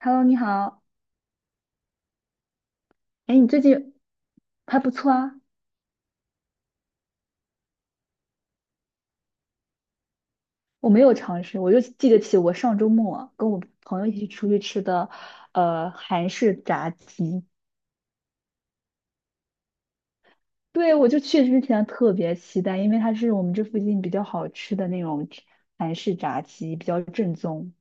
Hello，你好。哎，你最近还不错啊。我没有尝试，我就记得起我上周末啊跟我朋友一起出去吃的，韩式炸鸡。对，我就去之前特别期待，因为它是我们这附近比较好吃的那种韩式炸鸡，比较正宗。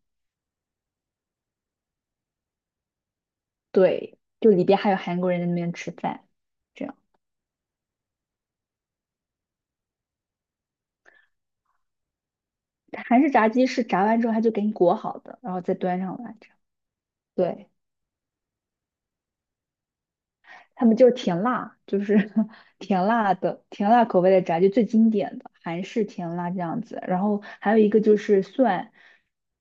对，就里边还有韩国人在那边吃饭，这样。韩式炸鸡是炸完之后他就给你裹好的，然后再端上来，这样。对。他们就是甜辣，甜辣口味的炸鸡最经典的韩式甜辣这样子。然后还有一个就是蒜，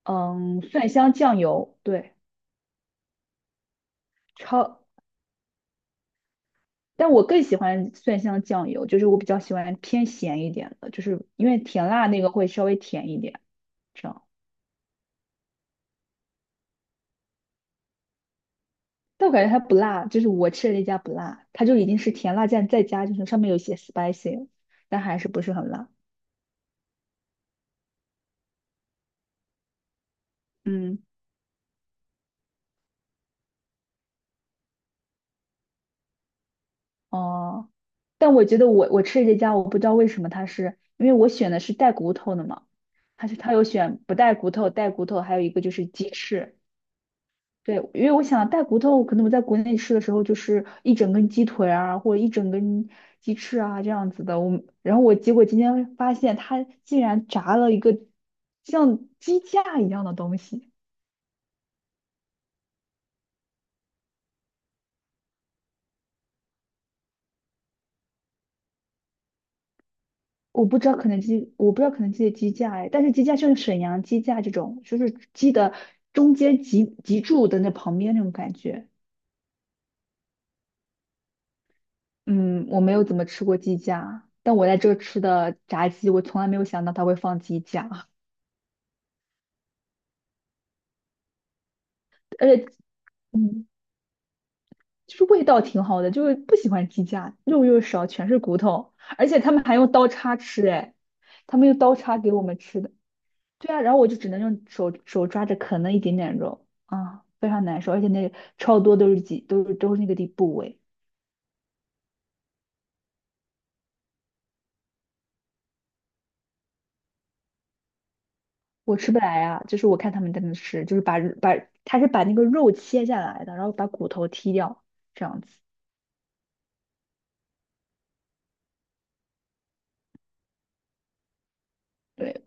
嗯，蒜香酱油，对，超。但我更喜欢蒜香酱油，就是我比较喜欢偏咸一点的，就是因为甜辣那个会稍微甜一点，这样。但我感觉它不辣，就是我吃的那家不辣，它就已经是甜辣酱再加，就是上面有一些 spicy，了但还是不是很辣。嗯。哦，但我觉得我吃的这家，我不知道为什么它是，因为我选的是带骨头的嘛，它有选不带骨头、带骨头，还有一个就是鸡翅。对，因为我想带骨头，可能我在国内吃的时候就是一整根鸡腿啊，或者一整根鸡翅啊这样子的。然后我结果今天发现它竟然炸了一个像鸡架一样的东西。我不知道肯德基，我不知道肯德基的鸡架哎，但是鸡架就是沈阳鸡架这种，就是鸡的中间脊柱的那旁边那种感觉。嗯，我没有怎么吃过鸡架，但我在这儿吃的炸鸡，我从来没有想到它会放鸡架，而且嗯，就是味道挺好的，就是不喜欢鸡架，肉又少，全是骨头，而且他们还用刀叉吃哎，他们用刀叉给我们吃的。对啊，然后我就只能用手抓着啃那一点点肉，啊，非常难受，而且那个超多都是那个地部位，我吃不来啊。就是我看他们在那吃，就是他是把那个肉切下来的，然后把骨头剔掉这样子。对，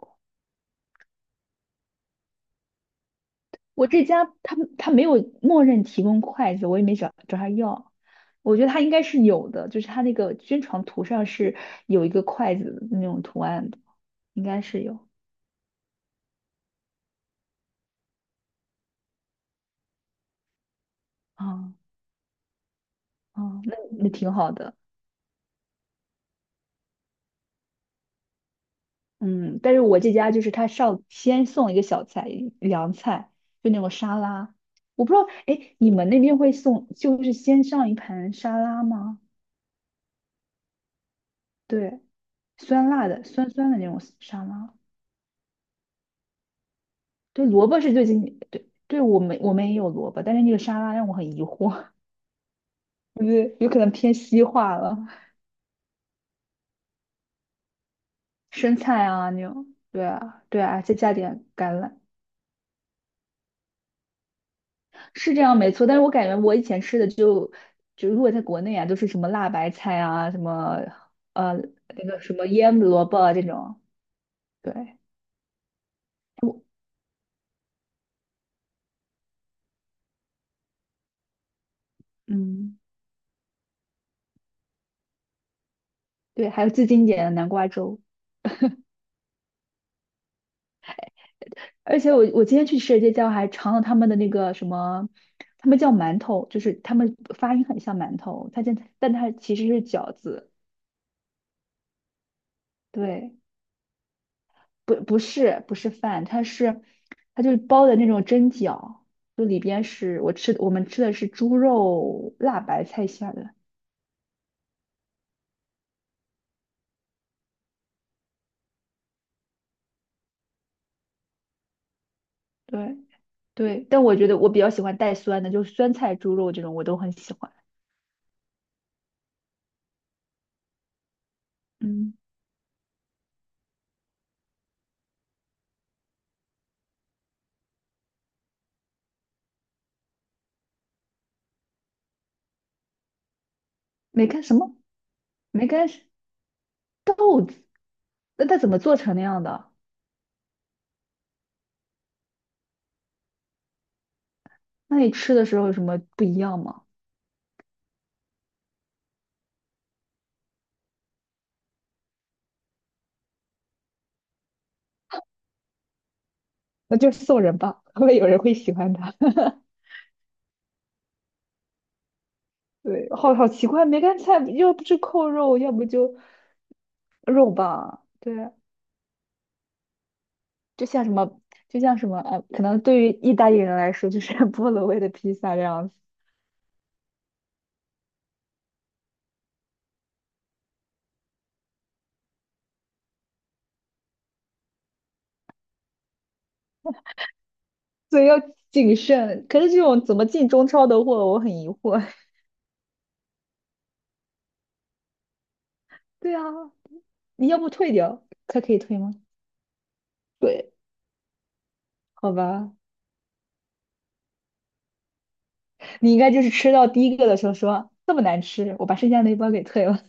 我这家他们没有默认提供筷子，我也没找他要。我觉得他应该是有的，就是他那个宣传图上是有一个筷子的那种图案的，应该是有。啊啊，那那挺好的。嗯，但是我这家就是他上先送一个小菜，凉菜，就那种沙拉。我不知道，哎，你们那边会送，就是先上一盘沙拉吗？对，酸辣的，酸酸的那种沙拉。对，萝卜是最近，对，对我们也有萝卜，但是那个沙拉让我很疑惑，对，觉得有可能偏西化了，生菜啊那种。对啊，对啊，再加点橄榄，是这样没错，但是我感觉我以前吃的就如果在国内啊，都是什么辣白菜啊，什么呃那个什么腌萝卜啊这种，对，嗯，对，还有最经典的南瓜粥。而且我今天去吃的这家还尝了他们的那个什么，他们叫馒头，就是他们发音很像馒头，它但它其实是饺子，对。不是不是饭，它就是包的那种蒸饺，就里边是我们吃的是猪肉辣白菜馅儿的，对对，但我觉得我比较喜欢带酸的，就是酸菜猪肉这种我都很喜欢。嗯，梅干什么？梅干是豆子，那它怎么做成那样的？那你吃的时候有什么不一样吗？那就送人吧，会不会有人会喜欢它？对，好好奇怪，梅干菜要不就扣肉，要不就肉吧，对。就像什么，就像什么，可能对于意大利人来说，就是 菠萝味的披萨这样子，所以要谨慎。可是这种怎么进中超的货，我很疑惑。对啊，你要不退掉，它可以退吗？对，好吧，你应该就是吃到第一个的时候说这么难吃，我把剩下那一包给退了。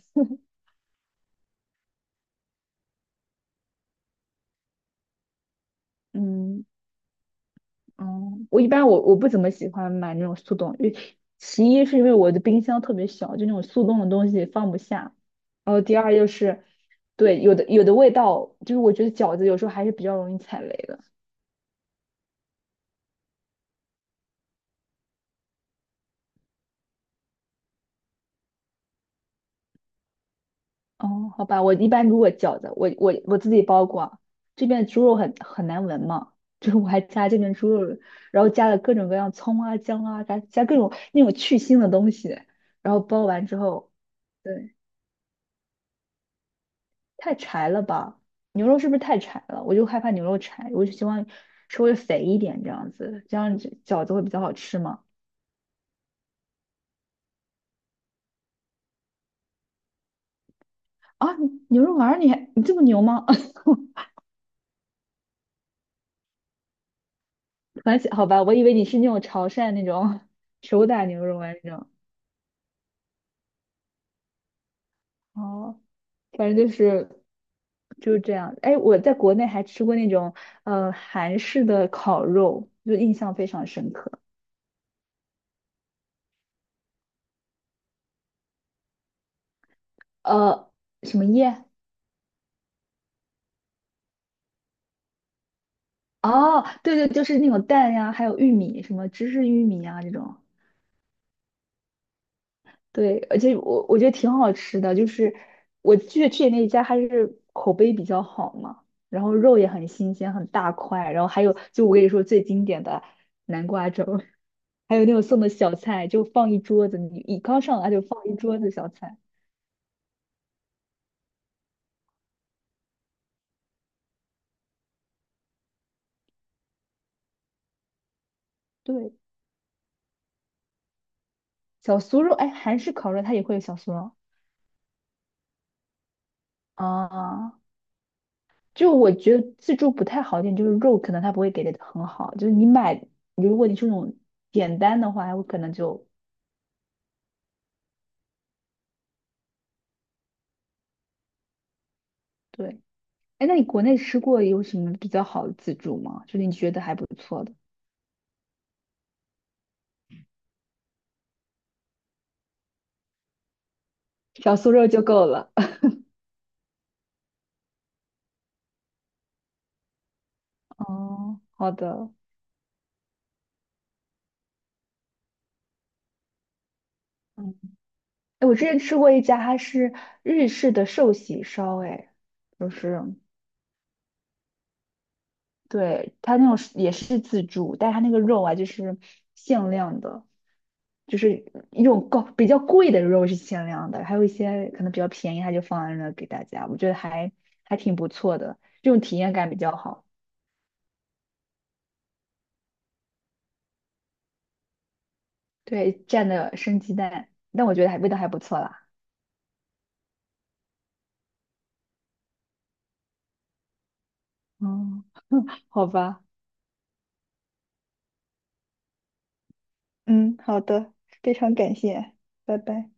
嗯，嗯，我一般我不怎么喜欢买那种速冻，因为其一是因为我的冰箱特别小，就那种速冻的东西放不下，然后第二就是，对，有的味道，就是我觉得饺子有时候还是比较容易踩雷的。哦，好吧，我一般如果饺子，我自己包过啊，这边猪肉很难闻嘛，就是我还加这边猪肉，然后加了各种各样葱啊、姜啊，加各种那种去腥的东西，然后包完之后，对。太柴了吧？牛肉是不是太柴了？我就害怕牛肉柴，我就希望稍微肥一点这样子，这样子饺子会比较好吃嘛。啊，牛肉丸儿你这么牛吗？反正好吧，我以为你是那种潮汕那种手打牛肉丸那种。哦，反正就是这样。哎，我在国内还吃过那种韩式的烤肉，就印象非常深刻。呃，什么叶？哦，对对，就是那种蛋呀，还有玉米，什么芝士玉米啊这种。对，而且我觉得挺好吃的，就是我去的那一家还是口碑比较好嘛，然后肉也很新鲜，很大块，然后还有就我跟你说最经典的南瓜粥，还有那种送的小菜，就放一桌子，你一刚上来就放一桌子小菜。对，小酥肉，哎，韩式烤肉它也会有小酥肉啊。就我觉得自助不太好一点，就是肉可能它不会给的很好，就是你买，如果你是那种简单的话，我可能就对。哎，那你国内吃过有什么比较好的自助吗？就是你觉得还不错的。小酥肉就够了。哦，好的。嗯，哎，我之前吃过一家，它是日式的寿喜烧，哎，就是对它那种是也是自助，但是它那个肉啊，就是限量的，就是一种比较贵的肉是限量的，还有一些可能比较便宜，它就放在那给大家，我觉得还挺不错的，这种体验感比较好。对，蘸的生鸡蛋，但我觉得味道还不错啦。嗯，好吧，嗯，好的，非常感谢，拜拜。